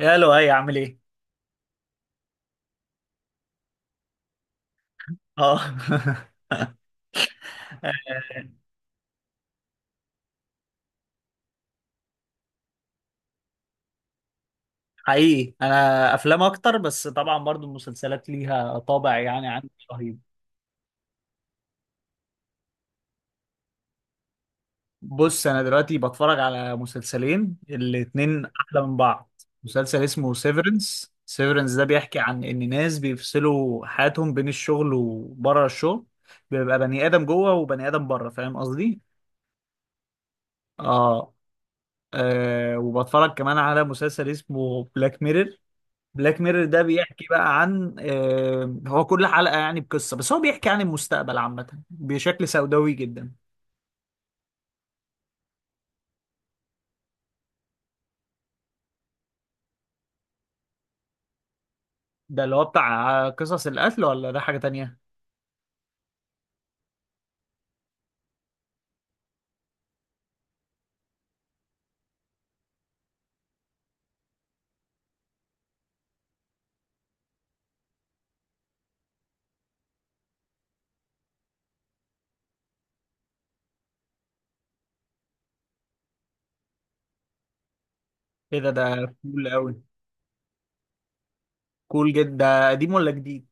يا لؤي عامل ايه؟ اه حقيقي انا افلام اكتر، بس طبعا برضو المسلسلات ليها طابع يعني عندي رهيب. بص انا دلوقتي بتفرج على مسلسلين الاتنين احلى من بعض. مسلسل اسمه سيفرنس. سيفرنس ده بيحكي عن ان ناس بيفصلوا حياتهم بين الشغل وبره الشغل، بيبقى بني ادم جوه وبني ادم بره، فاهم قصدي؟ اه، وبتفرج كمان على مسلسل اسمه بلاك ميرور. بلاك ميرور ده بيحكي بقى عن هو كل حلقة يعني بقصة، بس هو بيحكي عن المستقبل عامة بشكل سوداوي جدا. ده اللي هو بتاع قصص القتل ولا ده حاجة تانية؟ ايه ده، ده كول قوي. كول جدا، ده قديم ولا جديد؟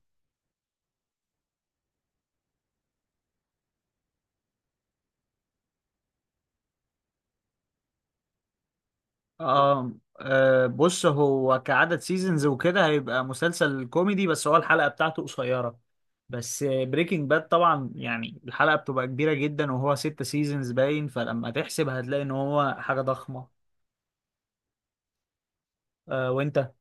آه, آه بص، هو كعدد سيزونز وكده هيبقى مسلسل كوميدي بس هو الحلقة بتاعته قصيرة، بس بريكنج باد طبعا يعني الحلقة بتبقى كبيرة جدا وهو ست سيزونز باين، فلما تحسب هتلاقي ان هو حاجة ضخمة. آه، وانت؟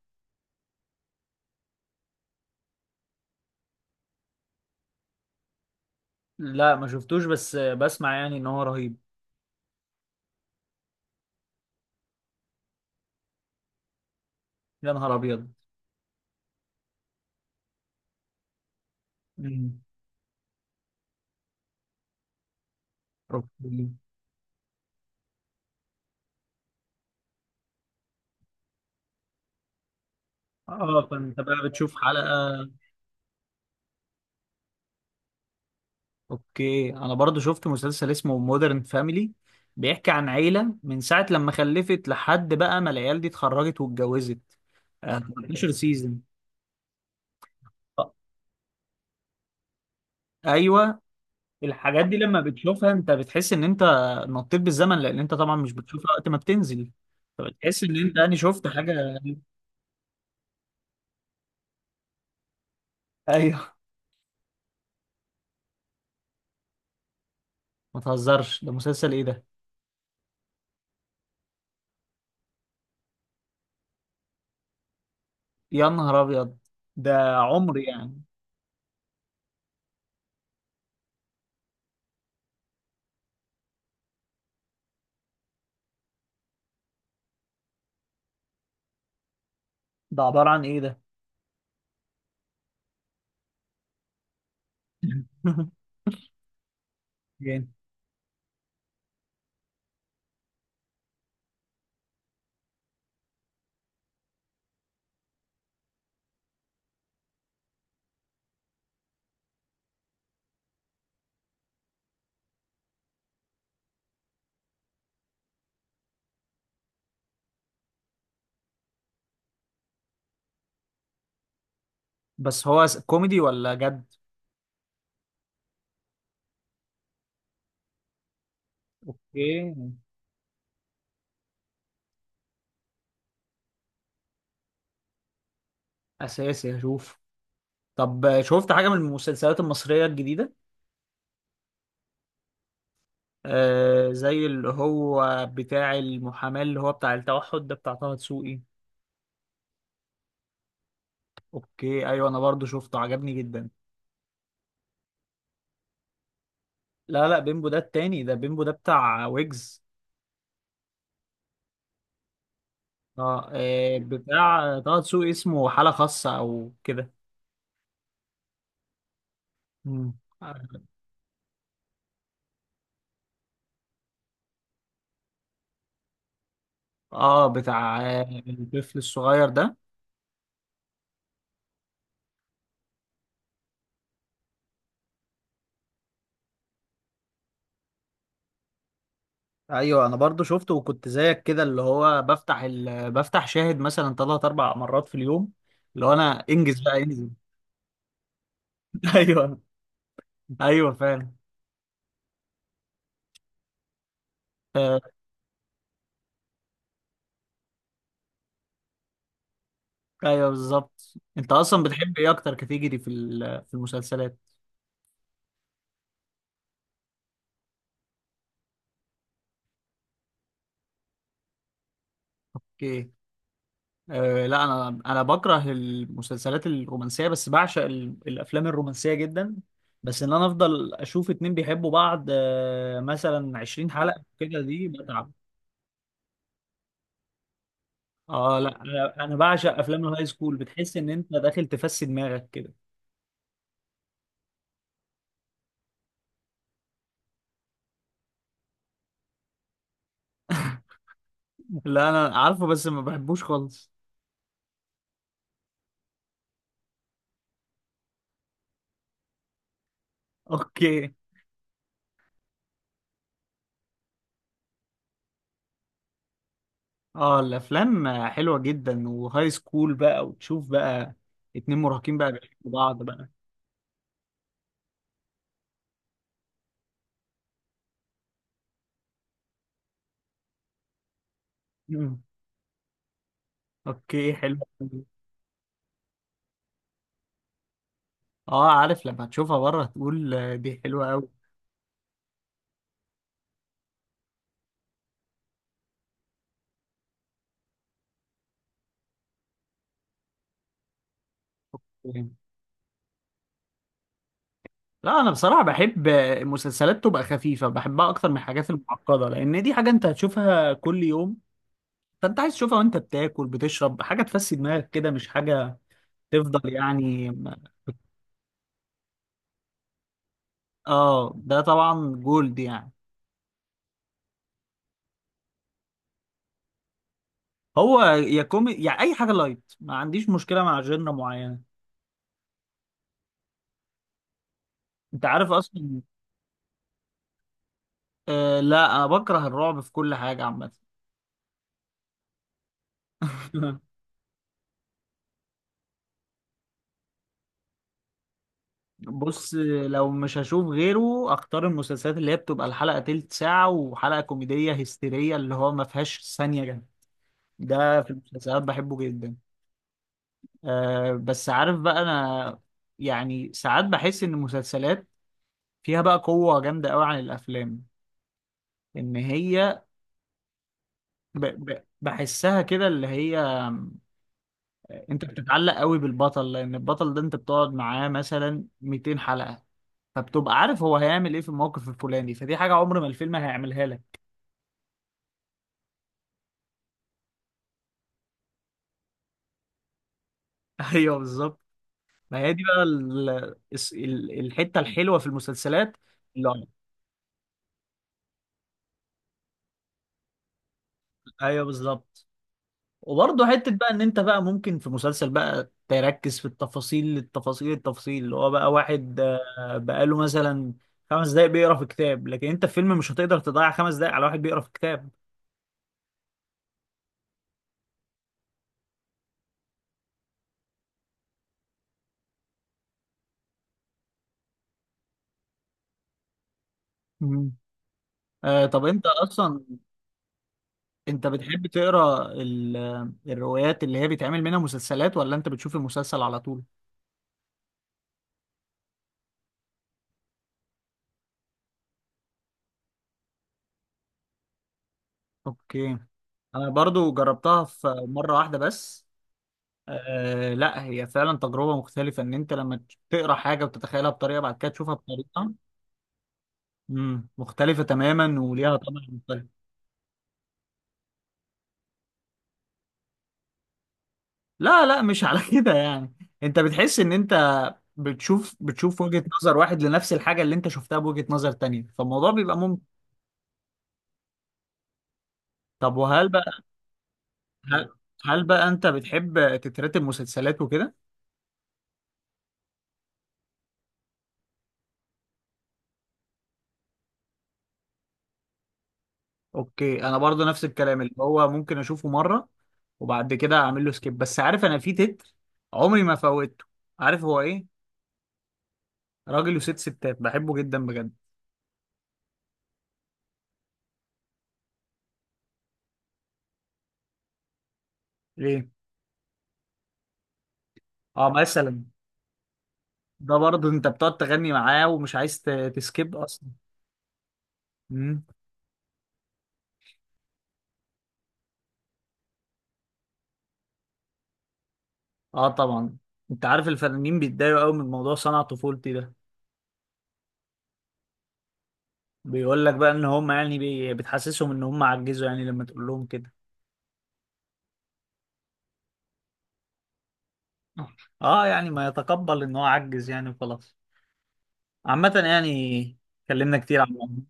لا ما شفتوش، بس بسمع يعني ان هو رهيب. يا نهار ابيض. مم. اوكي. اه فانت بقى بتشوف حلقة. اوكي انا برضو شفت مسلسل اسمه مودرن فاميلي، بيحكي عن عيلة من ساعة لما خلفت لحد بقى ما العيال دي اتخرجت واتجوزت، 13 سيزون. ايوه، الحاجات دي لما بتشوفها انت بتحس ان انت نطيت بالزمن، لان انت طبعا مش بتشوفها وقت ما بتنزل. فبتحس ان انت انا شفت حاجة. ايوه. ما تهزرش، ده مسلسل ايه ده؟ يا نهار ابيض، ده عمر يعني. ده عبارة عن ايه ده؟ جامد. بس هو كوميدي ولا جد؟ اوكي، اساسي هشوف. طب شفت حاجة من المسلسلات المصرية الجديدة؟ آه زي اللي هو بتاع المحاماة، اللي هو بتاع التوحد ده بتاع طه دسوقي. اوكي، ايوه انا برضو شفته، عجبني جدا. لا لا، بيمبو ده التاني، ده بيمبو ده بتاع ويجز. اه، بتاع طه دسوقي اسمه حالة خاصة او كده. مم. اه بتاع الطفل الصغير ده. ايوه انا برضو شفته وكنت زيك كده، اللي هو بفتح بفتح شاهد مثلا ثلاث اربع مرات في اليوم، اللي هو انا انجز بقى انجز. ايوه. ايوه فعلا. آه، ايوه بالظبط. انت اصلا بتحب ايه اكتر كاتيجوري في في المسلسلات؟ ايه؟ أه لا انا بكره المسلسلات الرومانسيه بس بعشق الافلام الرومانسيه جدا. بس انا افضل اشوف اتنين بيحبوا بعض مثلا 20 حلقه كده، دي بتعب. اه لا انا بعشق افلام الهاي سكول، بتحس ان انت داخل تفسي دماغك كده. لا انا عارفه، بس ما بحبوش خالص. اوكي. اه الافلام حلوه جدا، وهاي سكول بقى وتشوف بقى اتنين مراهقين بقى بيحبوا بعض بقى. مم. اوكي، حلو. اه عارف، لما تشوفها بره تقول دي حلوه قوي. لا انا بصراحه بحب مسلسلات تبقى خفيفه، بحبها اكتر من الحاجات المعقده، لان دي حاجه انت هتشوفها كل يوم، فانت عايز تشوفها وانت بتاكل بتشرب، حاجه تفسي دماغك كده، مش حاجه تفضل يعني. اه ده طبعا جولد يعني. هو يا كومي يعني، اي حاجه لايت، ما عنديش مشكله مع جنرا معينه. انت عارف اصلا. آه لا انا بكره الرعب في كل حاجه عامه. بص، لو مش هشوف غيره اختار المسلسلات اللي هي بتبقى الحلقه تلت ساعه، وحلقه كوميديه هستيريه اللي هو ما فيهاش ثانيه جنب، ده في المسلسلات بحبه جدا. آه بس عارف بقى انا، يعني ساعات بحس ان المسلسلات فيها بقى قوة جامدة قوي عن الافلام، ان هي ب ب بحسها كده اللي هي انت بتتعلق قوي بالبطل، لان البطل ده انت بتقعد معاه مثلا 200 حلقة، فبتبقى عارف هو هيعمل ايه في الموقف الفلاني، فدي حاجة عمر ما الفيلم هيعملها لك. ايوه بالظبط. ما هي دي بقى الحتة الحلوة في المسلسلات. اللي- ايوه بالظبط. وبرضه حتة بقى ان انت بقى ممكن في مسلسل بقى تركز في التفاصيل، التفاصيل، اللي هو بقى واحد بقاله مثلا خمس دقايق بيقرا في كتاب، لكن انت في فيلم مش هتقدر تضيع خمس دقايق على واحد بيقرا في كتاب. مم. آه طب انت اصلا، انت بتحب تقرا الروايات اللي هي بيتعمل منها مسلسلات، ولا انت بتشوف المسلسل على طول؟ اوكي، انا برضو جربتها في مرة واحدة بس. آه لا هي فعلا تجربة مختلفة، ان انت لما تقرا حاجة وتتخيلها بطريقة، بعد كده تشوفها بطريقة. امم، مختلفة تماما وليها طبع مختلف. لا لا، مش على كده يعني. انت بتحس ان انت بتشوف وجهة نظر واحد لنفس الحاجة اللي انت شفتها بوجهة نظر تانية، فالموضوع بيبقى ممتع. طب وهل بقى، هل, هل بقى انت بتحب تترتب مسلسلات وكده؟ اوكي انا برضو نفس الكلام، اللي هو ممكن اشوفه مرة وبعد كده اعمل له سكيب، بس عارف انا في تتر عمري ما فوتته. عارف هو ايه؟ راجل وست ستات، بحبه جدا بجد. ليه. اه مثلا، ده برضه انت بتقعد تغني معاه ومش عايز تسكيب اصلا. امم. اه طبعا. انت عارف الفنانين بيتضايقوا قوي من موضوع صنع طفولتي ده، بيقول لك بقى ان هم يعني بتحسسهم ان هم عجزوا يعني لما تقول لهم كده. اه يعني ما يتقبل ان هو عجز يعني، وخلاص. عامة يعني، اتكلمنا كتير عن الموضوع.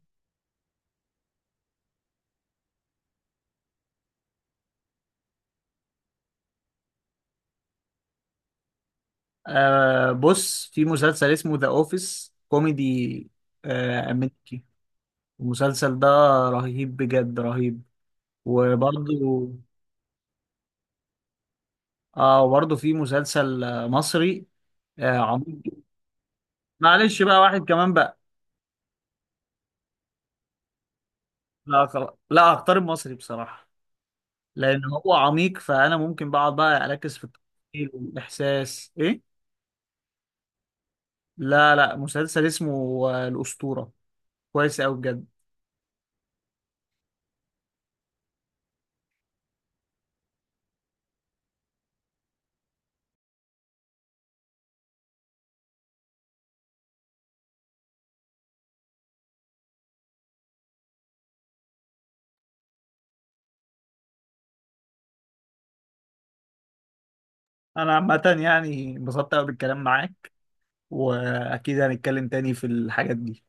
آه بص، في مسلسل اسمه ذا اوفيس، كوميدي آه امريكي. المسلسل ده رهيب بجد رهيب. وبرضه، اه وبرضه في مسلسل مصري آه عميق. معلش بقى، واحد كمان بقى. لا خلاص، لا هختار المصري بصراحة، لأن هو عميق، فأنا ممكن بقعد بقى أركز في التفاصيل والإحساس إيه؟ لا لا، مسلسل اسمه الأسطورة، كويس أوي بجد. أنا عامة يعني انبسطت أوي بالكلام معاك، وأكيد هنتكلم تاني في الحاجات دي.